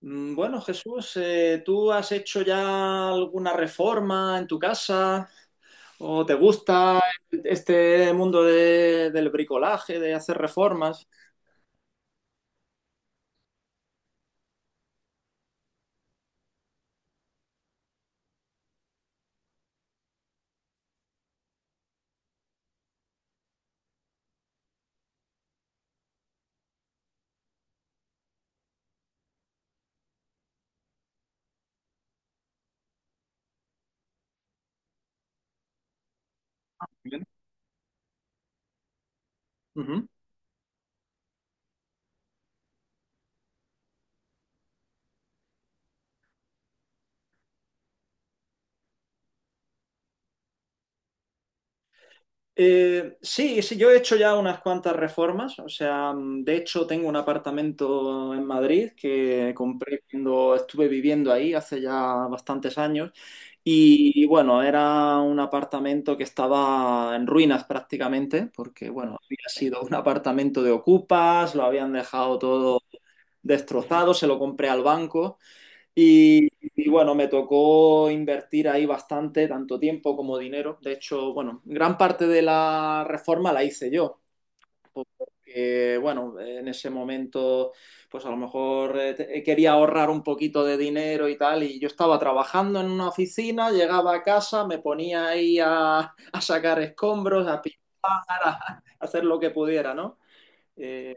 Bueno, Jesús, ¿tú has hecho ya alguna reforma en tu casa? ¿O te gusta este mundo del bricolaje, de hacer reformas? Bien. Sí, yo he hecho ya unas cuantas reformas, o sea, de hecho tengo un apartamento en Madrid que compré cuando estuve viviendo ahí hace ya bastantes años y bueno, era un apartamento que estaba en ruinas prácticamente porque, bueno, había sido un apartamento de ocupas, lo habían dejado todo destrozado, se lo compré al banco y bueno, me tocó invertir ahí bastante, tanto tiempo como dinero. De hecho, bueno, gran parte de la reforma la hice yo, porque bueno, en ese momento, pues a lo mejor quería ahorrar un poquito de dinero y tal, y yo estaba trabajando en una oficina, llegaba a casa, me ponía ahí a, a sacar escombros, a pintar, a hacer lo que pudiera, ¿no? Eh,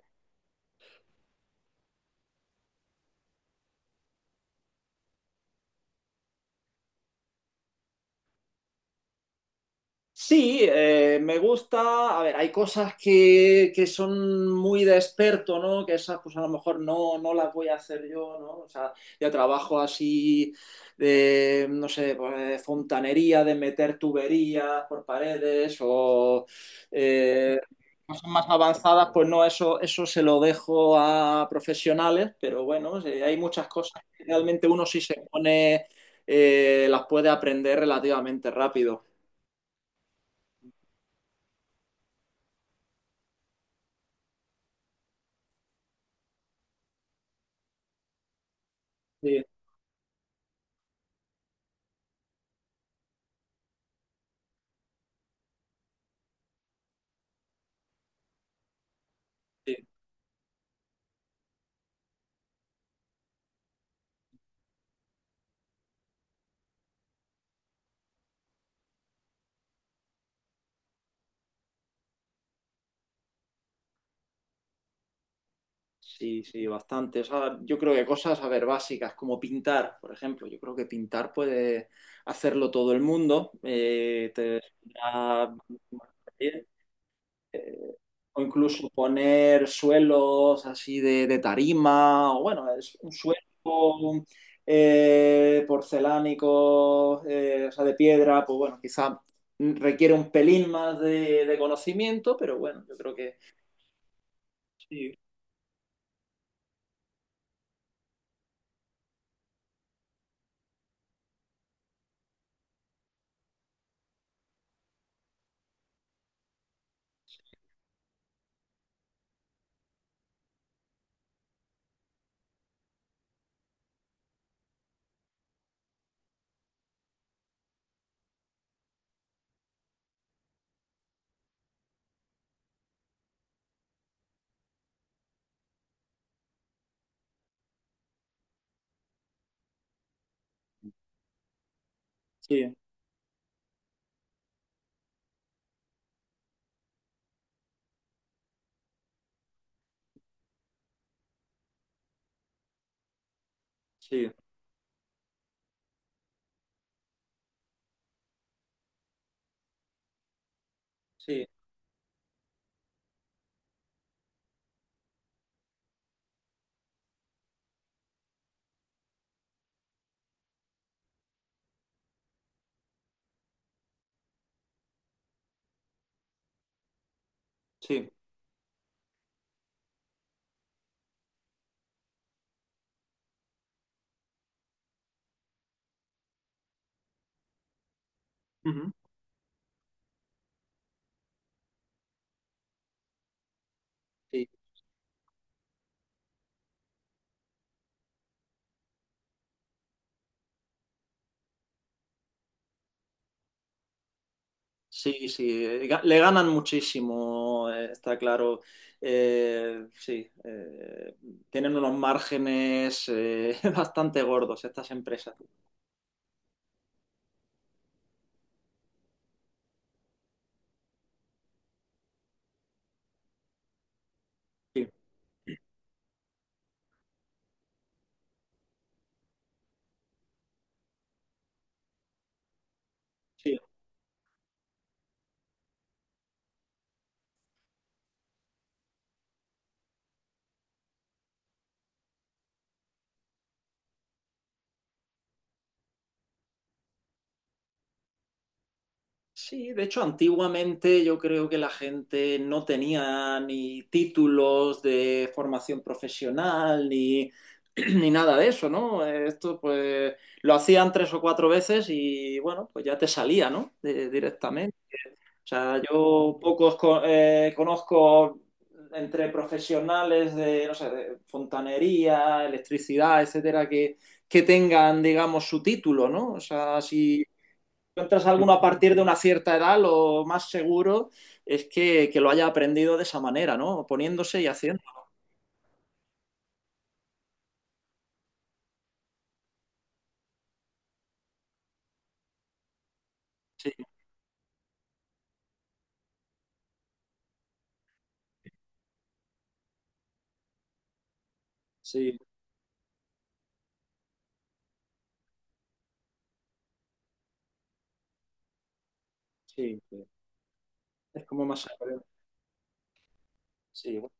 Sí, me gusta. A ver, hay cosas que, son muy de experto, ¿no? Que esas, pues a lo mejor no, no las voy a hacer yo, ¿no? O sea, yo trabajo así de, no sé, pues, de fontanería, de meter tuberías por paredes o eh, cosas más avanzadas, pues no, eso se lo dejo a profesionales, pero bueno, sí, hay muchas cosas que realmente uno si se pone, las puede aprender relativamente rápido. Sí. Sí. Sí, sí, bastante. O sea, yo creo que cosas, a ver, básicas, como pintar, por ejemplo. Yo creo que pintar puede hacerlo todo el mundo. A- o incluso poner suelos así de tarima, o bueno, es un suelo porcelánico, o sea, de piedra, pues bueno, quizá requiere un pelín más de conocimiento, pero bueno, yo creo que sí, sí, sí, sí, sí. Ujú. Sí, sí, le ganan muchísimo, está claro. Sí, tienen unos márgenes bastante gordos estas empresas. Sí, sí. Sí, de hecho, antiguamente yo creo que la gente no tenía ni títulos de formación profesional ni, ni nada de eso, ¿no? Esto pues lo hacían tres o cuatro veces y bueno, pues ya te salía, ¿no? Directamente. O sea, conozco entre profesionales de, no sé, de fontanería, electricidad, etcétera, que tengan, digamos, su título, ¿no? O sea, si encuentras alguno a partir de una cierta edad, lo más seguro es que lo haya aprendido de esa manera, ¿no? Poniéndose y haciendo. Sí, sí, sí. Sí. Es como más seguro. Sí, bueno.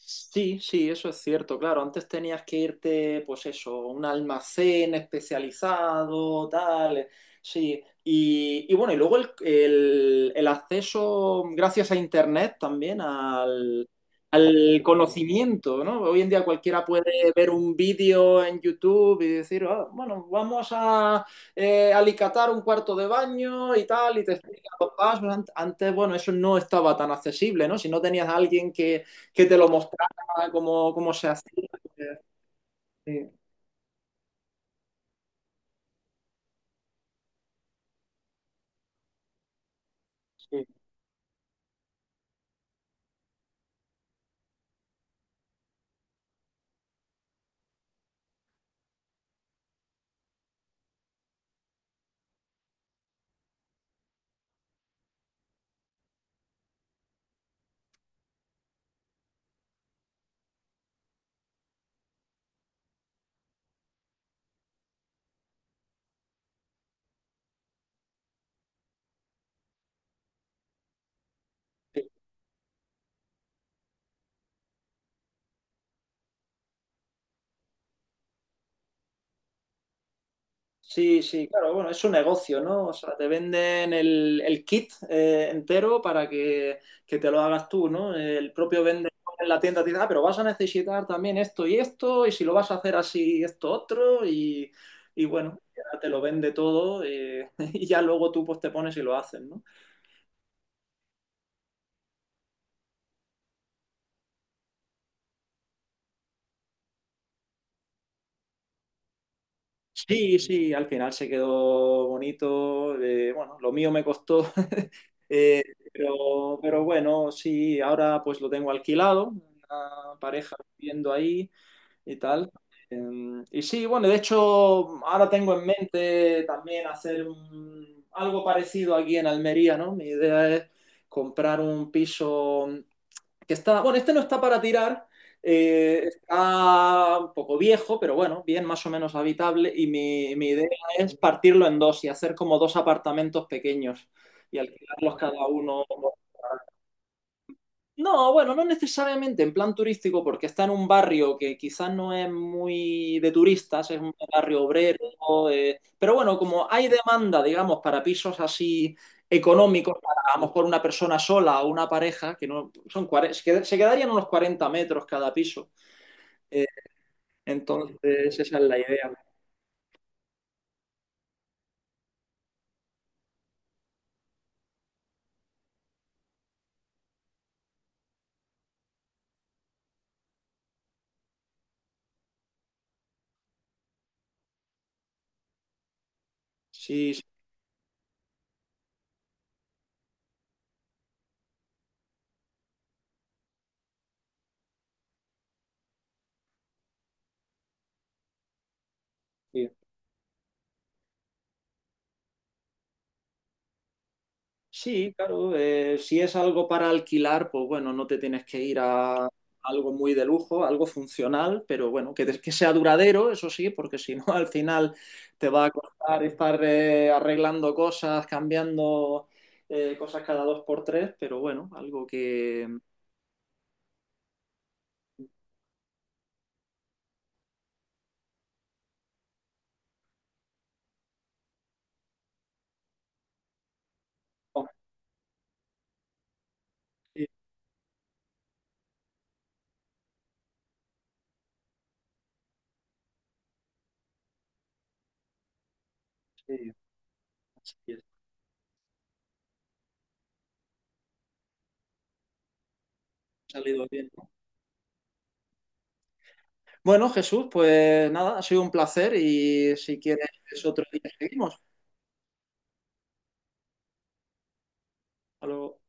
Sí, sí, eso es cierto, claro. Antes tenías que irte, pues eso, a un almacén especializado, tal. Sí, y bueno, y luego el acceso, gracias a Internet también, al, al conocimiento, ¿no? Hoy en día cualquiera puede ver un vídeo en YouTube y decir, "Ah, bueno, vamos a alicatar un cuarto de baño y tal, y te explica los pasos. Antes, bueno, eso no estaba tan accesible, ¿no? Si no tenías a alguien que te lo mostrara cómo, cómo se hacía. Sí, sí, sí. Sí, sí, claro, bueno, es un negocio, ¿no? O sea, te venden el kit entero para que te lo hagas tú, ¿no? El propio vendedor en la tienda te dice, ah, pero vas a necesitar también esto y esto, y si lo vas a hacer así, esto otro, y bueno, ya te lo vende todo, y ya luego tú pues te pones y lo haces, ¿no? Sí, sí, al final se quedó bonito. Bueno, lo mío me costó, eh, pero bueno, sí, ahora pues lo tengo alquilado, una pareja viviendo ahí y tal. Y sí, bueno, de hecho, ahora tengo en mente también hacer algo parecido aquí en Almería, ¿no? Mi idea es comprar un piso que está, bueno, este no está para tirar, está un poco viejo, pero bueno, bien, más o menos habitable, y mi idea es partirlo en dos y hacer como dos apartamentos pequeños y alquilarlos cada uno. No, bueno, no necesariamente en plan turístico, porque está en un barrio que quizás no es muy de turistas, es un barrio obrero, pero bueno, como hay demanda, digamos, para pisos así económicos, para a lo mejor una persona sola o una pareja, que no son se quedarían unos 40 metros cada piso. eh, entonces, esa es la idea. Sí, sí. Sí. Sí, claro, si es algo para alquilar, pues bueno, no te tienes que ir a algo muy de lujo, algo funcional, pero bueno, que sea duradero, eso sí, porque si no, al final te va a costar estar arreglando cosas, cambiando cosas cada dos por tres, pero bueno, algo que... Oh. Sí, sí, así es, ha salido bien, ¿no? Bueno, Jesús, pues nada, ha sido un placer y si quieres otro día seguimos. Hasta luego.